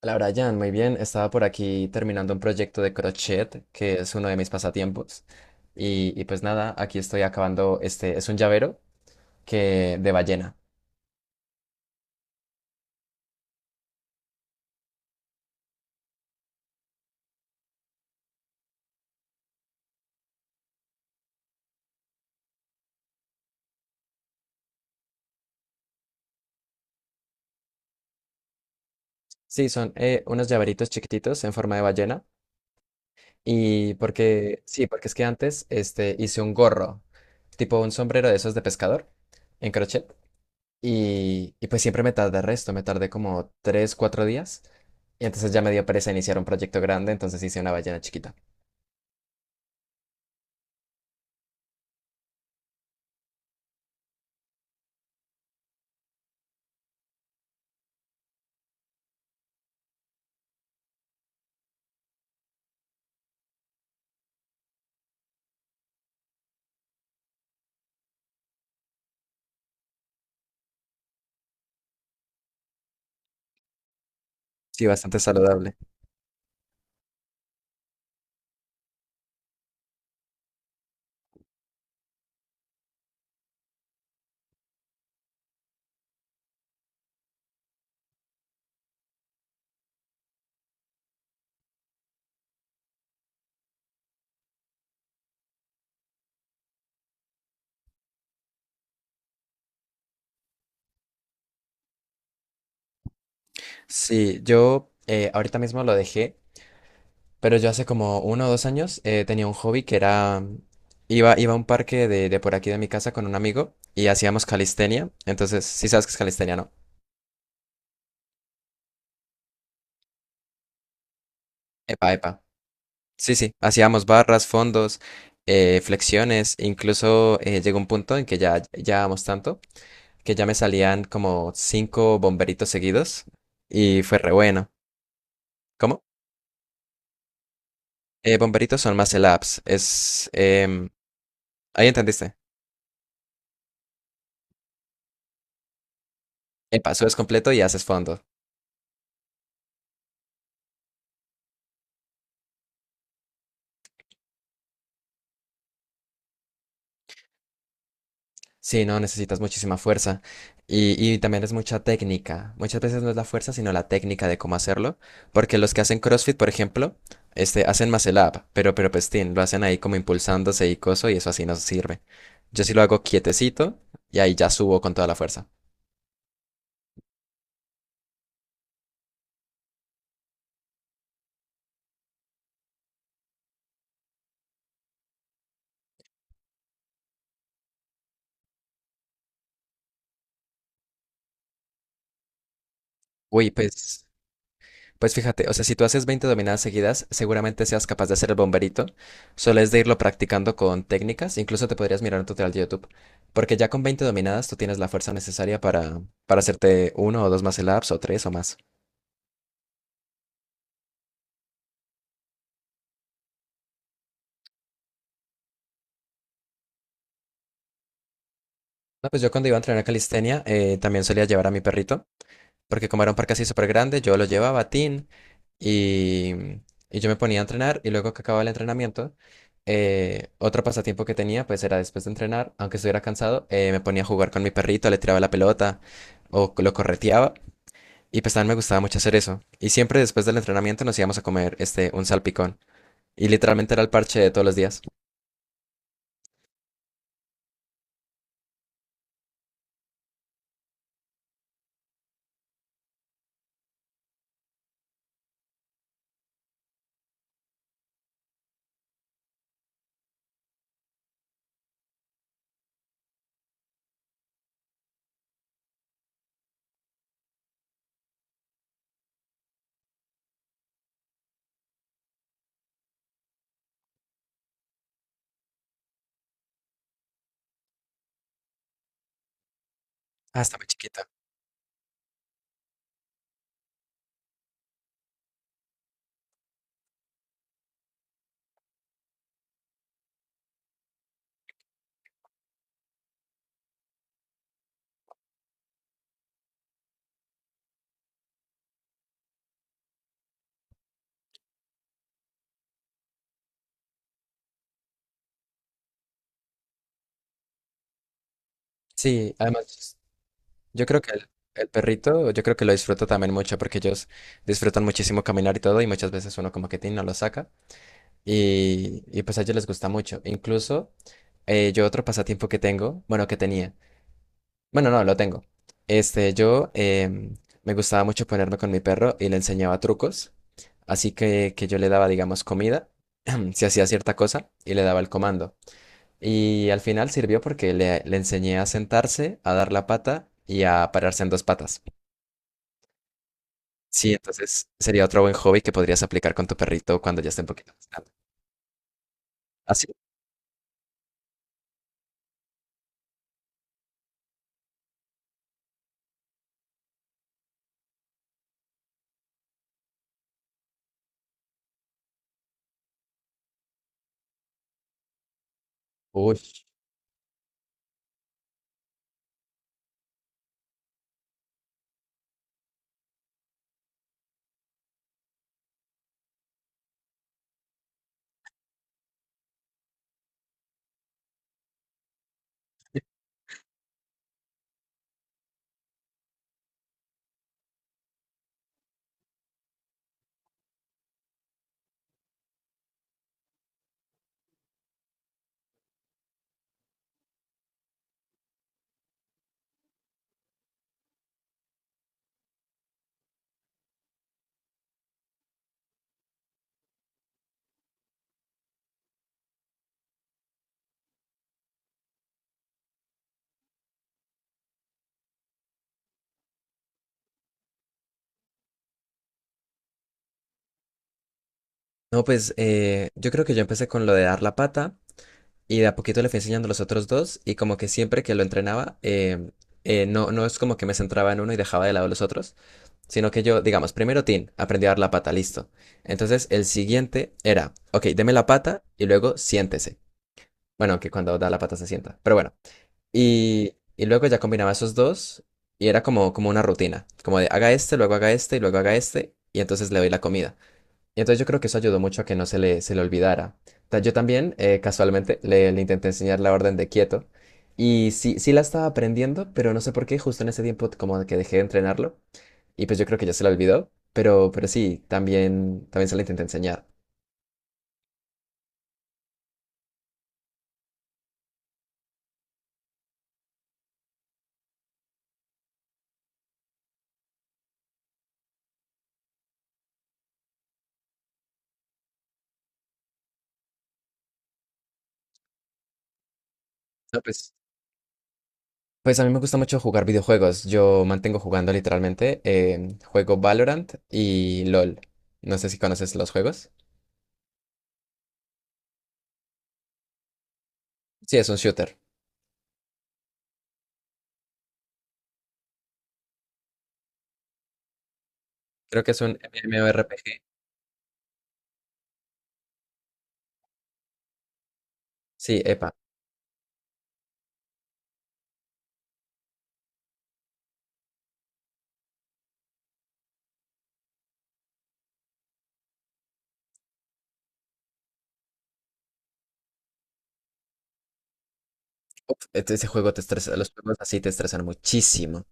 Hola Brian, muy bien. Estaba por aquí terminando un proyecto de crochet, que es uno de mis pasatiempos. Y pues nada, aquí estoy acabando este, es un llavero que de ballena. Sí, son unos llaveritos chiquititos en forma de ballena. Y porque, sí, porque es que antes este, hice un gorro, tipo un sombrero de esos de pescador, en crochet. Y pues siempre me tardé resto, me tardé como 3 4 días. Y entonces ya me dio pereza iniciar un proyecto grande, entonces hice una ballena chiquita. Sí, bastante saludable. Sí, yo ahorita mismo lo dejé, pero yo hace como 1 o 2 años tenía un hobby que era, iba a un parque de por aquí de mi casa con un amigo y hacíamos calistenia. Entonces, sí sabes qué es calistenia, ¿no? Epa, epa. Sí, sí, hacíamos barras, fondos, flexiones, incluso llegó un punto en que ya llevábamos tanto que ya me salían como cinco bomberitos seguidos y fue re bueno. ¿Cómo? Bomberitos son más ups, ahí entendiste. Epa, subes completo y haces fondo. Sí, no, necesitas muchísima fuerza. Y también es mucha técnica. Muchas veces no es la fuerza, sino la técnica de cómo hacerlo. Porque los que hacen CrossFit, por ejemplo, este, hacen muscle up, pero pestín, lo hacen ahí como impulsándose y coso, y eso así no sirve. Yo sí lo hago quietecito y ahí ya subo con toda la fuerza. Uy, pues. Pues fíjate, o sea, si tú haces 20 dominadas seguidas, seguramente seas capaz de hacer el bomberito. Solo es de irlo practicando con técnicas. Incluso te podrías mirar un tutorial de YouTube. Porque ya con 20 dominadas tú tienes la fuerza necesaria para, hacerte uno o dos más ups o tres o más. No, pues yo cuando iba a entrenar calistenia también solía llevar a mi perrito. Porque como era un parque así súper grande, yo lo llevaba a tin. Y, y yo me ponía a entrenar y luego que acababa el entrenamiento, otro pasatiempo que tenía pues era después de entrenar, aunque estuviera cansado, me ponía a jugar con mi perrito, le tiraba la pelota o lo correteaba y pues también me gustaba mucho hacer eso. Y siempre después del entrenamiento nos íbamos a comer este un salpicón y literalmente era el parche de todos los días. Hasta muy chiquita. Sí, además yo creo que el, perrito, yo creo que lo disfruto también mucho porque ellos disfrutan muchísimo caminar y todo y muchas veces uno como que tiene no lo saca. Y pues a ellos les gusta mucho. Incluso yo otro pasatiempo que tengo, bueno, que tenía, bueno, no, lo tengo. Este, yo me gustaba mucho ponerme con mi perro y le enseñaba trucos, así que yo le daba, digamos, comida, si hacía cierta cosa, y le daba el comando. Y al final sirvió porque le enseñé a sentarse, a dar la pata y a pararse en dos patas. Sí, entonces sería otro buen hobby que podrías aplicar con tu perrito cuando ya esté un poquito más grande. ¿Así? Uy. No, pues yo creo que yo empecé con lo de dar la pata y de a poquito le fui enseñando los otros dos y como que siempre que lo entrenaba, no, no es como que me centraba en uno y dejaba de lado los otros, sino que yo, digamos, primero Tin, aprendí a dar la pata, listo. Entonces el siguiente era, ok, deme la pata y luego siéntese. Bueno, que cuando da la pata se sienta, pero bueno. Y luego ya combinaba esos dos y era como, como una rutina, como de haga este, luego haga este y luego haga este y entonces le doy la comida. Y entonces yo creo que eso ayudó mucho a que no se le, olvidara. Yo también, casualmente, le intenté enseñar la orden de quieto. Y sí, sí la estaba aprendiendo, pero no sé por qué, justo en ese tiempo como que dejé de entrenarlo. Y pues yo creo que ya se la olvidó. Pero sí, también se la intenté enseñar. No, pues a mí me gusta mucho jugar videojuegos. Yo mantengo jugando literalmente. Juego Valorant y LOL. No sé si conoces los juegos. Sí, es un shooter. Creo que es un MMORPG. Sí, epa. Uf, ese juego te estresa, los juegos así te estresan muchísimo.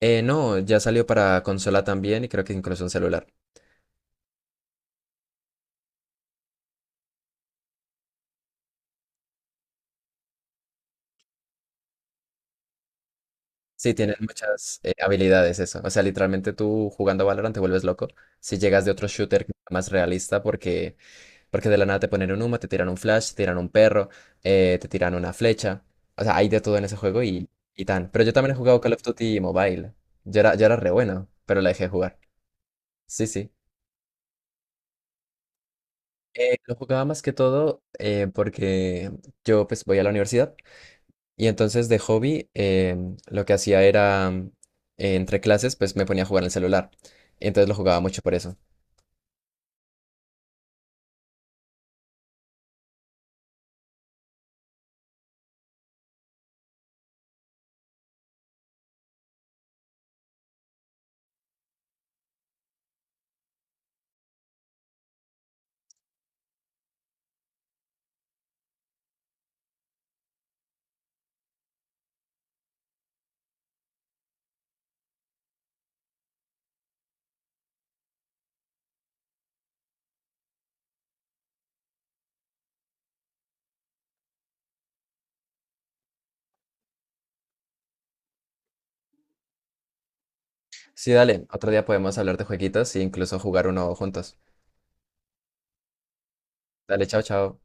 No, ya salió para consola también y creo que incluso un celular. Sí, tienen muchas habilidades eso. O sea, literalmente tú jugando Valorant te vuelves loco. Si llegas de otro shooter más realista porque de la nada te ponen un humo, te tiran un flash, te tiran un perro, te tiran una flecha. O sea, hay de todo en ese juego y tan. Pero yo también he jugado Call of Duty Mobile. Yo era re bueno, pero la dejé de jugar. Sí, sí. Lo jugaba más que todo porque yo pues voy a la universidad y entonces de hobby lo que hacía era entre clases pues me ponía a jugar en el celular. Entonces lo jugaba mucho por eso. Sí, dale, otro día podemos hablar de jueguitos e incluso jugar uno juntos. Dale, chao, chao.